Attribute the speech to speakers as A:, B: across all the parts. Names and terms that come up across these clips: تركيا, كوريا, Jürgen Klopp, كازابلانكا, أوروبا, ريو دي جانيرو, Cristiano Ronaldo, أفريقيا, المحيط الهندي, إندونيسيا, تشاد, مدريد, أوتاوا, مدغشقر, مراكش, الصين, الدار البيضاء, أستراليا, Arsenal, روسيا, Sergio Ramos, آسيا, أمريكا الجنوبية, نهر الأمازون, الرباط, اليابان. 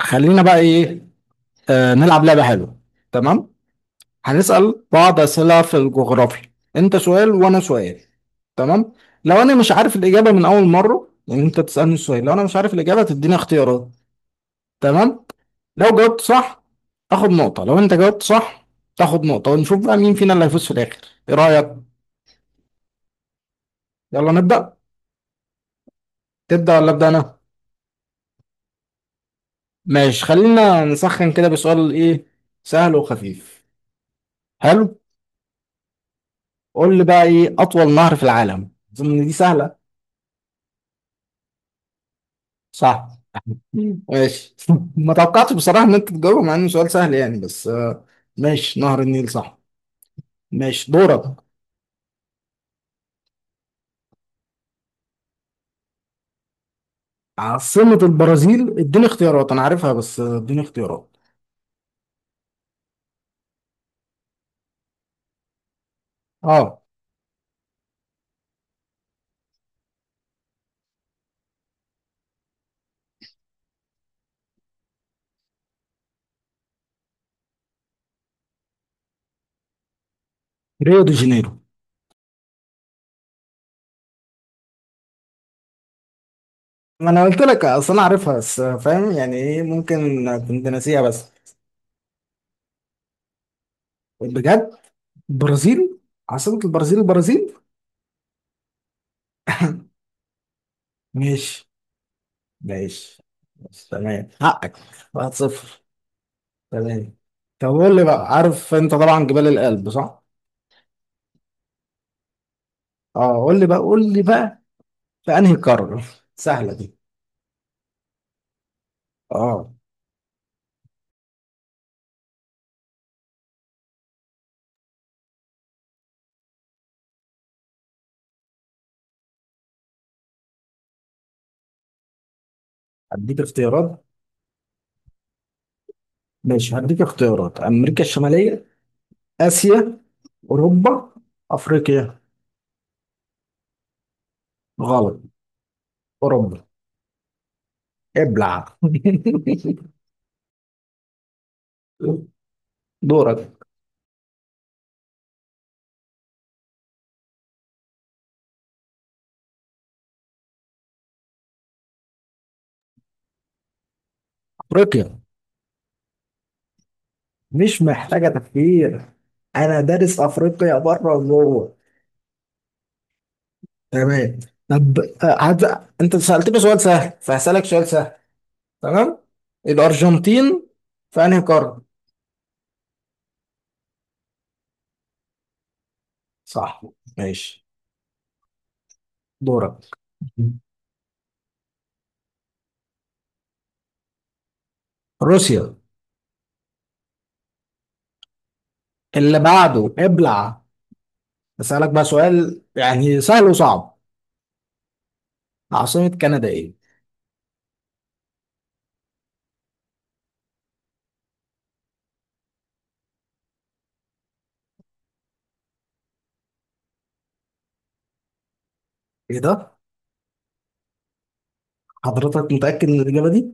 A: خلينا بقى ايه. آه، نلعب لعبة حلوة. تمام. هنسأل بعض أسئلة في الجغرافيا، انت سؤال وانا سؤال. تمام، لو انا مش عارف الإجابة من أول مرة يعني، انت تسألني السؤال، لو انا مش عارف الإجابة تديني اختيارات. تمام، لو جاوبت صح اخد نقطة، لو انت جاوبت صح تاخد نقطة، ونشوف بقى مين فينا اللي هيفوز في الآخر. ايه رأيك؟ يلا نبدأ. تبدأ ولا أبدأ انا؟ ماشي، خلينا نسخن كده بسؤال ايه، سهل وخفيف. حلو، قول لي بقى ايه أطول نهر في العالم؟ أظن إن دي سهلة. صح. ماشي ما توقعتش بصراحة ان انت تجاوب مع انه سؤال سهل يعني، بس ماشي، نهر النيل صح. ماشي دورك. عاصمة البرازيل، اديني اختيارات، انا عارفها بس اديني اختيارات. اه، ريو دي جانيرو. ما انا قلت لك اصل انا عارفها، بس فاهم يعني ايه، ممكن كنت ناسيها بس. بجد؟ البرازيل؟ عاصمة البرازيل البرازيل؟ ماشي، ماشي، ماشي، تمام حقك. 1-0. تمام، طب قول لي بقى، عارف انت طبعا جبال الألب صح؟ اه، قول لي بقى، قول لي بقى في انهي قارة، سهلة دي. اه، هديك اختيارات. ماشي، هديك اختيارات: امريكا الشمالية، اسيا، اوروبا، افريقيا. غلط، اوروبا، ابلع دورك. افريقيا، مش محتاجة تفكير، انا دارس افريقيا بره وجوه. تمام، طب انت سألتني سؤال سهل فهسألك سؤال سهل. تمام، الارجنتين في انهي قارة؟ صح، ماشي دورك. روسيا. اللي بعده ابلع. بسألك بقى سؤال يعني سهل وصعب، عاصمة كندا ايه؟ ايه ده؟ حضرتك متأكد من الإجابة دي؟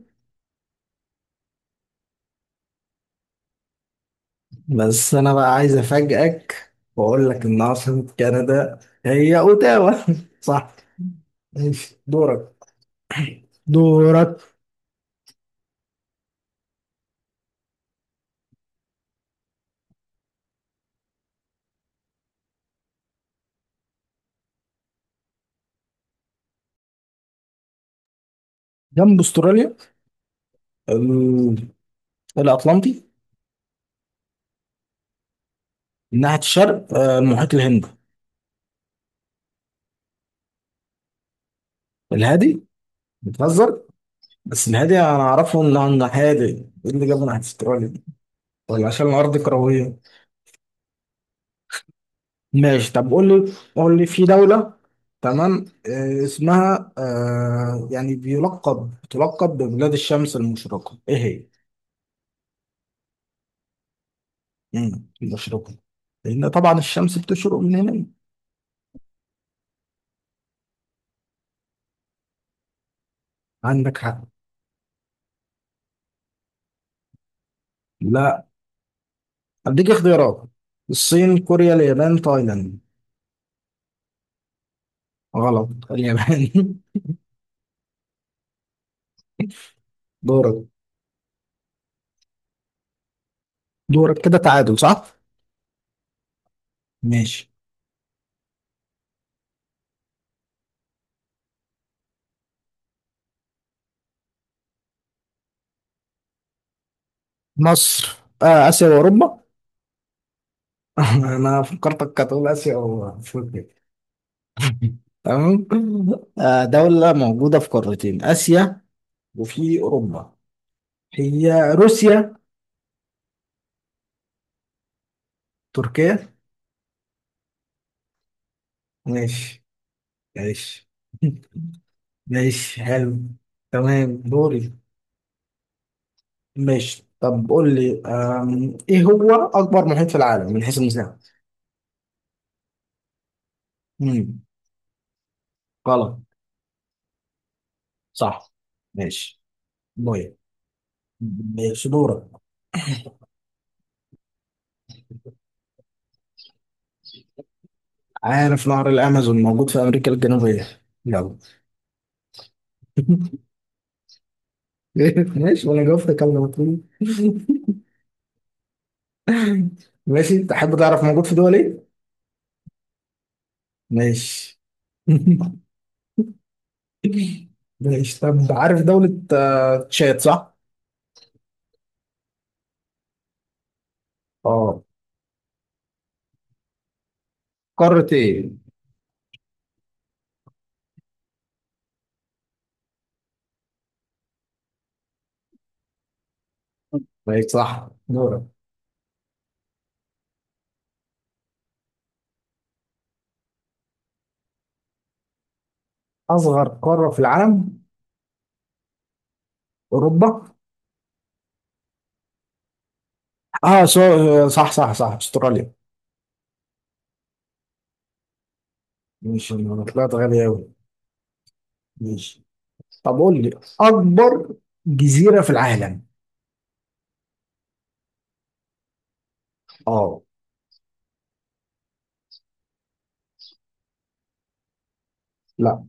A: بس أنا بقى عايز أفاجئك وأقول لك إن عاصمة كندا هي أوتاوا صح، ماشي دورك. دورك. جنب أستراليا؟ ال- الأطلنطي؟ من ناحية الشرق المحيط الهندي؟ الهادي؟ بتهزر. بس الهادي أنا أعرفه إنه هادي، إيه اللي جابه ناحية أستراليا دي؟ ولا عشان الأرض كروية. ماشي، طب قول لي، قول لي في دولة، تمام، اسمها يعني تلقب ببلاد الشمس المشرقة، ايه هي؟ المشرقة، لأن طبعا الشمس بتشرق من هنا. عندك حق. لا، أديك اختيارات: الصين، كوريا، اليابان، تايلاند. غلط، اليابان دورك. دورك كده تعادل صح؟ ماشي. مصر. آه، آسيا وأوروبا أنا فكرتك هتقول آسيا وأفريقيا. تمام، آه، دولة موجودة في قارتين، آسيا وفي أوروبا، هي روسيا؟ تركيا؟ ماشي، ماشي ماشي حلو، تمام دوري. ماشي، طب قول لي إيه هو أكبر محيط في العالم من حيث المساحة؟ مم، غلط. صح، ماشي. بويا. ماشي دورك. عارف نهر الأمازون موجود في أمريكا الجنوبية، يلا ماشي، وأنا جاوبت كلمة ماشي، تحب تعرف موجود في دول ايه؟ ماشي ماشي، طب عارف دولة تشاد صح؟ اه، قارة ايه؟ ماشي صح، دورك. أصغر قارة في العالم؟ أوروبا؟ اه، صح. أستراليا. ماشي، أنا طلعت غبي أوي. ماشي، طب قول لي، أكبر جزيرة في العالم. اه. لا،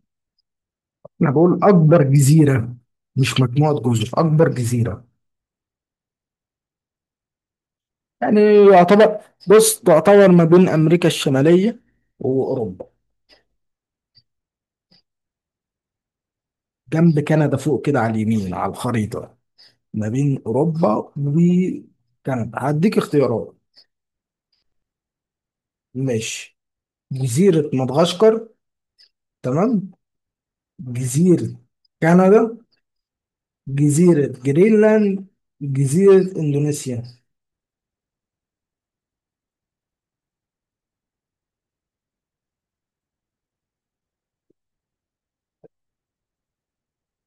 A: أنا بقول أكبر جزيرة، مش مجموعة جزر، أكبر جزيرة. يعني يعتبر، بص تعتبر ما بين أمريكا الشمالية وأوروبا، جنب كندا فوق كده على اليمين على الخريطة، ما بين أوروبا وكندا. هديك اختيارات. ماشي: جزيرة مدغشقر، تمام، جزيرة كندا، جزيرة جرينلاند، جزيرة إندونيسيا.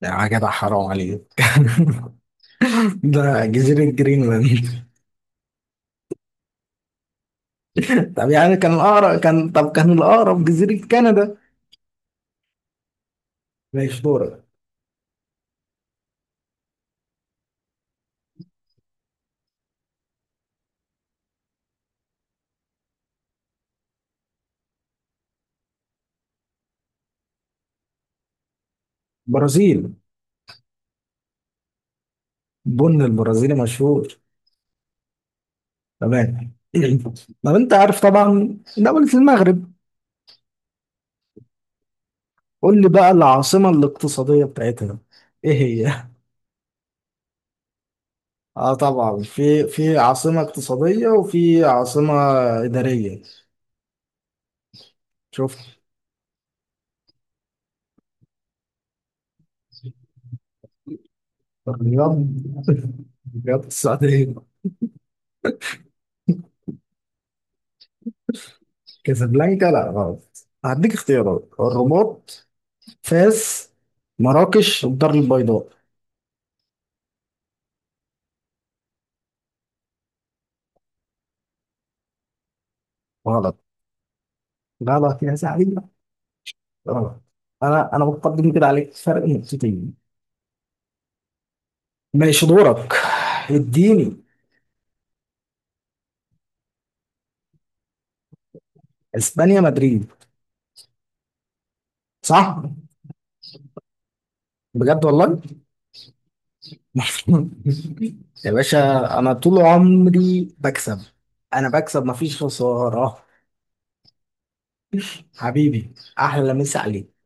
A: يا جدع حرام عليك ده جزيرة جرينلاند طب كان الأقرب جزيرة كندا. ماشي دورك. برازيل، بن البرازيلي مشهور. تمام طب انت عارف طبعا دولة المغرب، قول لي بقى العاصمة الاقتصادية بتاعتها ايه هي؟ اه طبعا، في عاصمة اقتصادية وفي عاصمة إدارية. شوف. الرياض؟ الرياض السعودية. كازابلانكا؟ لا غلط، هديك اختيارات: الرباط، فاس، مراكش، الدار البيضاء. غلط، غلط يا زعيم، غلط. انا بقدم كده عليك فرق نقطتين. ماشي دورك، اديني. اسبانيا مدريد. صح. بجد والله يا باشا انا طول عمري بكسب، انا بكسب مفيش خسارة. حبيبي، احلى مسا عليك.